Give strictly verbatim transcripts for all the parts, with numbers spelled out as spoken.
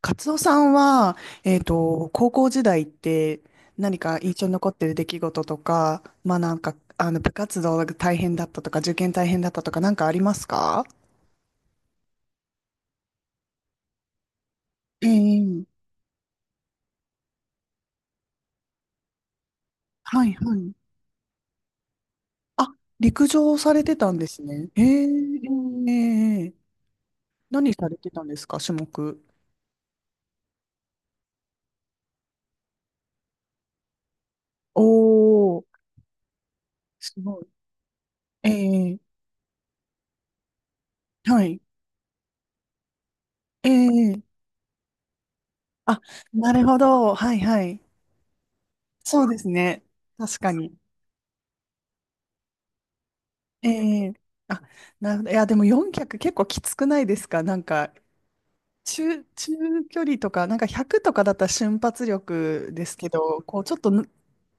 カツオさんは、えっと、高校時代って何か印象に残ってる出来事とか、まあなんか、あの、部活動が大変だったとか、受験大変だったとか、なんかありますか？ええ、はいはい。あ、陸上されてたんですね。ええええええ。何されてたんですか、種目？おー、すごい。ええ、はい。ええ、あ、なるほど。はいはい。そうですね。確かに。ええ、あ、なるほど。いや、でもよんひゃく結構きつくないですか、なんか、中、中距離とか、なんかひゃくとかだったら瞬発力ですけど、こう、ちょっとの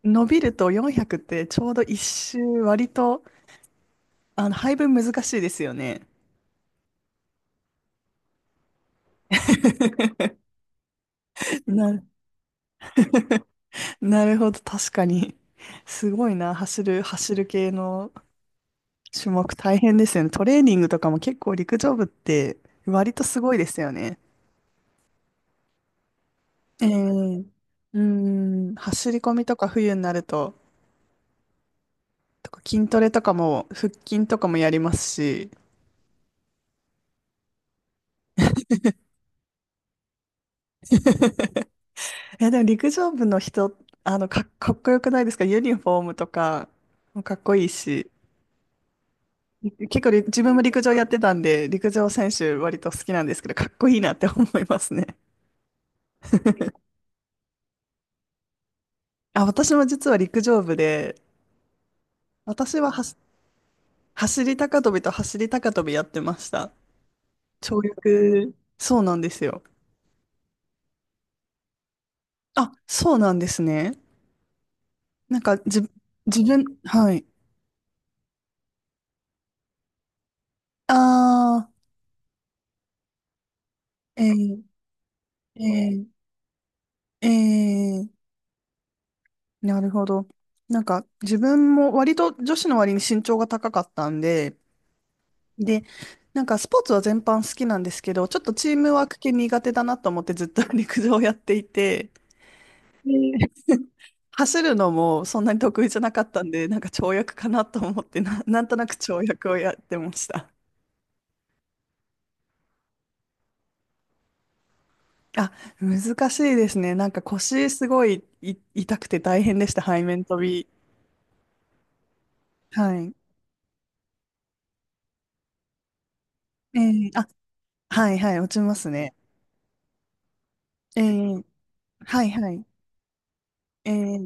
伸びるとよんひゃくってちょうど一周割と、あの、配分難しいですよね。な、なるほど、確かに。すごいな、走る、走る系の種目大変ですよね。トレーニングとかも結構陸上部って割とすごいですよね。ええ、うん、走り込みとか冬になると、とか筋トレとかも、腹筋とかもやりますし、え、でも陸上部の人、あの、かっ、かっこよくないですかユニフォームとかもかっこいいし、結構り自分も陸上やってたんで、陸上選手割と好きなんですけど、かっこいいなって思いますね。あ、私も実は陸上部で、私ははし走り高跳びと走り高跳びやってました。跳躍、そうなんですよ。あ、そうなんですね。なんか、じ、自分、はい。ああ、えー、えー、えー、なるほど。なんか、自分も割と女子の割に身長が高かったんで、で、なんかスポーツは全般好きなんですけど、ちょっとチームワーク系苦手だなと思ってずっと 陸上をやっていて、で走るのもそんなに得意じゃなかったんで、なんか跳躍かなと思ってな、なんとなく跳躍をやってました。あ、難しいですね。なんか腰すごい、い痛くて大変でした。背面飛び。はい。ええ、あ、はいはい、落ちますね。ええ、はいはい。ええ、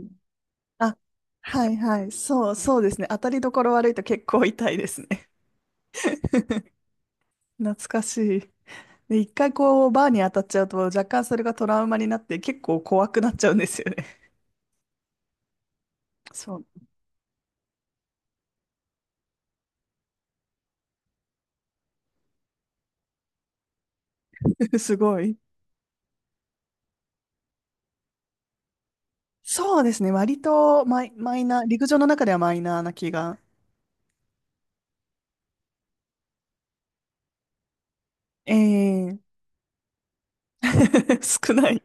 あ、はいはい。そう、そうですね。当たりどころ悪いと結構痛いですね。懐かしい。で、一回こう、バーに当たっちゃうと、若干それがトラウマになって、結構怖くなっちゃうんですよね。そう。すごい。そうですね。割とマイ、マイナー、陸上の中ではマイナーな気が。ええ。 少ない。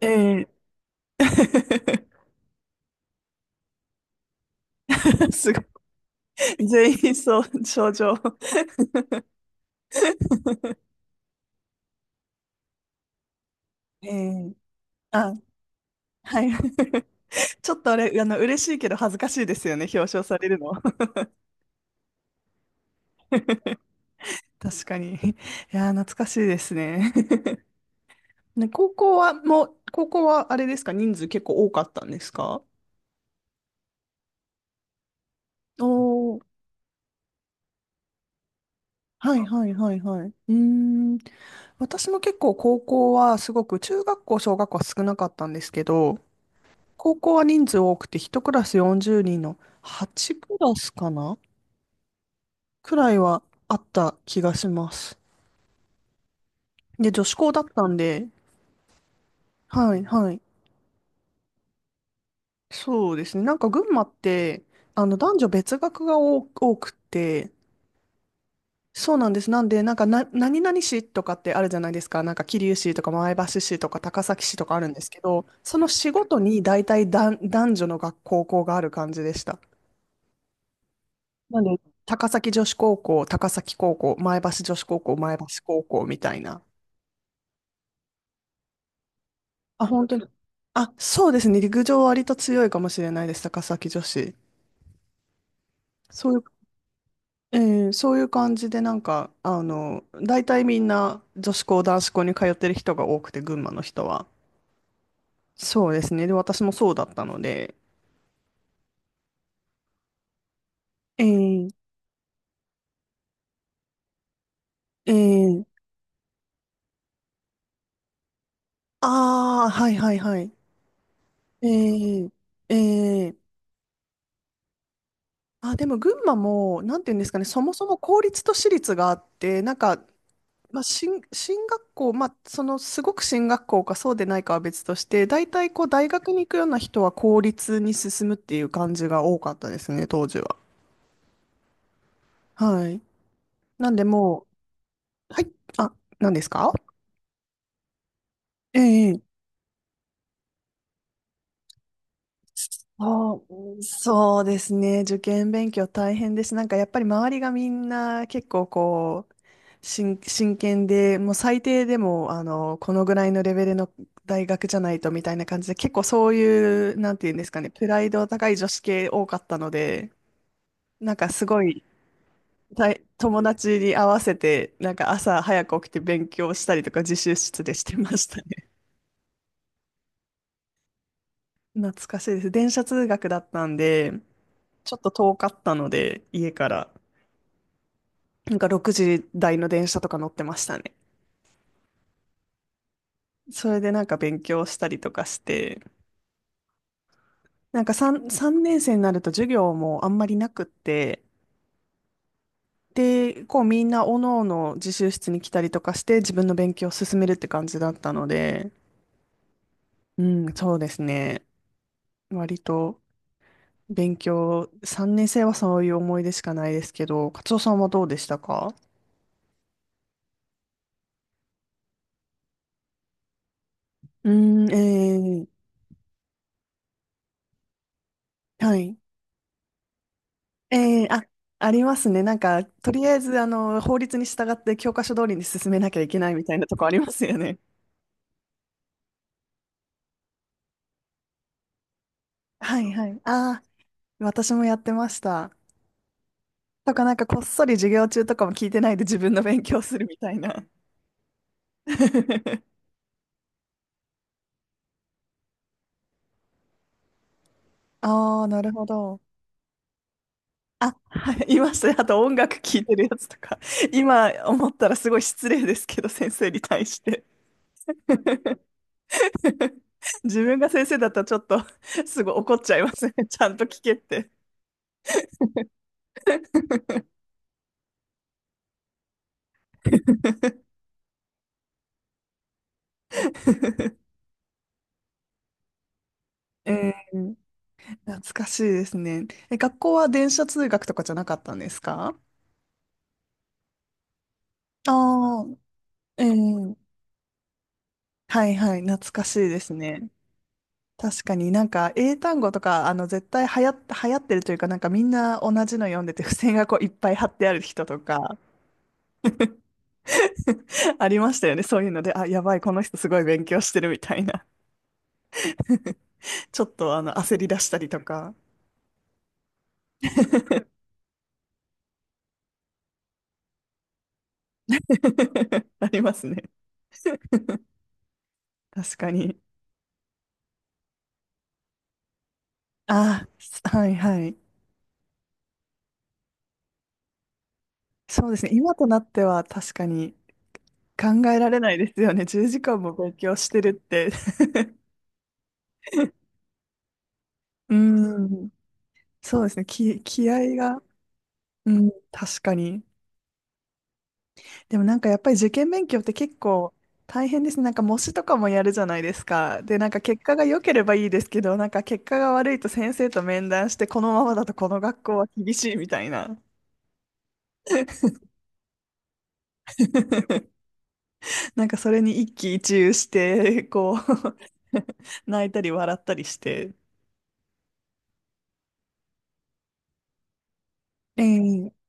ええ。 すごい。全員そう、症状。ええ、あ、はい。ちょっとあれ、あの、嬉しいけど恥ずかしいですよね、表彰されるの。確かに。いやー、懐かしいですね。ね、高校は、もう、高校はあれですか、人数結構多かったんですか？おー、はいはいはいはい。うーん。私も結構高校はすごく中学校、小学校は少なかったんですけど、高校は人数多くて、いちクラスよんじゅうにんのはちクラスかなくらいはあった気がします。で、女子校だったんで、はい、はい。そうですね。なんか群馬って、あの、男女別学が多多くて、そうなんです。なんで、なんかな、何々市とかってあるじゃないですか。なんか桐生市とか前橋市とか高崎市とかあるんですけど、その市ごとに大体男男女の学校校がある感じでした。なんで、高崎女子高校、高崎高校、前橋女子高校、前橋高校みたいな。あ、本当に。あ、そうですね。陸上割と強いかもしれないです。高崎女子。そういう、えーそういう感じで、なんか、あの、大体みんな女子校、男子校に通ってる人が多くて、群馬の人は。そうですね。で、私もそうだったので。えー、えー、ああ、はいはいはい。えー、えーあ、でも群馬も、なんていうんですかね、そもそも公立と私立があって、なんか、まあ、進、進学校、まあ、その、すごく進学校かそうでないかは別として、大体こう、大学に行くような人は公立に進むっていう感じが多かったですね、当時は。はい。なんでもう、はい、あ、何ですか？ええ、そう、そうですね。受験勉強大変です。なんかやっぱり周りがみんな結構こう、真、真剣で、もう最低でも、あの、このぐらいのレベルの大学じゃないとみたいな感じで、結構そういう、なんていうんですかね、プライド高い女子系多かったので、なんかすごい、たい友達に合わせて、なんか朝早く起きて勉強したりとか自習室でしてましたね。懐かしいです。電車通学だったんで、ちょっと遠かったので、家から、なんかろくじ台の電車とか乗ってましたね。それでなんか勉強したりとかして、なんか さん さんねん生になると授業もあんまりなくって、で、こうみんなおのおの自習室に来たりとかして自分の勉強を進めるって感じだったので、うん、そうですね。割と勉強、さんねん生はそういう思い出しかないですけど、カツオさんはどうでしたか？うーん、えー、はい。ええ、あ、ありますね。なんか、とりあえず、あの、法律に従って教科書通りに進めなきゃいけないみたいなとこありますよね。はいはい。ああ、私もやってました。とか、なんか、こっそり授業中とかも聞いてないで自分の勉強するみたいな。ああ、なるほど。あ、はい、いましたね。あと、音楽聴いてるやつとか。今思ったらすごい失礼ですけど、先生に対して。自分が先生だったらちょっとすぐ怒っちゃいますね。ちゃんと聞けって。えー、懐かしいですね。え、学校は電車通学とかじゃなかったんですか？ああー、えー、はいはい、懐かしいですね。確かになんか英単語とか、あの、絶対流行っ、流行ってるというか、なんかみんな同じの読んでて、付箋がこういっぱい貼ってある人とか、ありましたよね。そういうので、あ、やばい、この人すごい勉強してるみたいな。ちょっとあの、焦り出したりとか。ありますね。確かに。ああ、はいはい。そうですね。今となっては確かに考えられないですよね。じゅうじかんも勉強してるって。うん。そうですね。気、気合が。うん。確かに。でもなんかやっぱり受験勉強って結構大変ですね。なんか模試とかもやるじゃないですか。で、なんか結果が良ければいいですけど、なんか結果が悪いと先生と面談して、このままだとこの学校は厳しいみたいな。なんかそれに一喜一憂して、こう 泣いたり笑ったりして。ええ、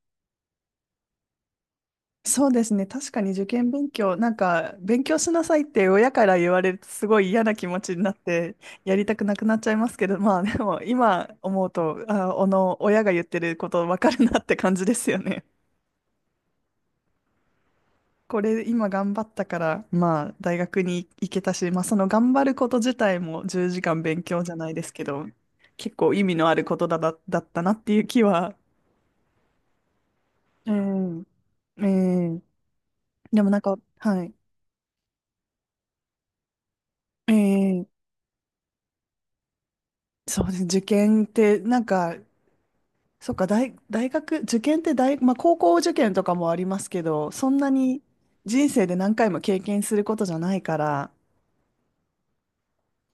そうですね。確かに受験勉強、なんか勉強しなさいって親から言われるとすごい嫌な気持ちになってやりたくなくなっちゃいますけど、まあでも今思うと、あ、あの親が言ってることわかるなって感じですよね。これ今頑張ったから、まあ大学に行けたし、まあその頑張ること自体もじゅうじかん勉強じゃないですけど、結構意味のあることだな、だったなっていう気は。うん。ええ、でもなんか、はい。ええ、そうですね。受験って、なんか、そっか、大、大学、受験って大、まあ高校受験とかもありますけど、そんなに人生で何回も経験することじゃないから、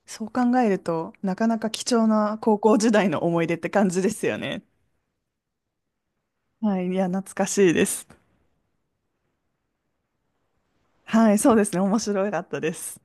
そう考えると、なかなか貴重な高校時代の思い出って感じですよね。はい。いや、懐かしいです。はい。そうですね。面白かったです。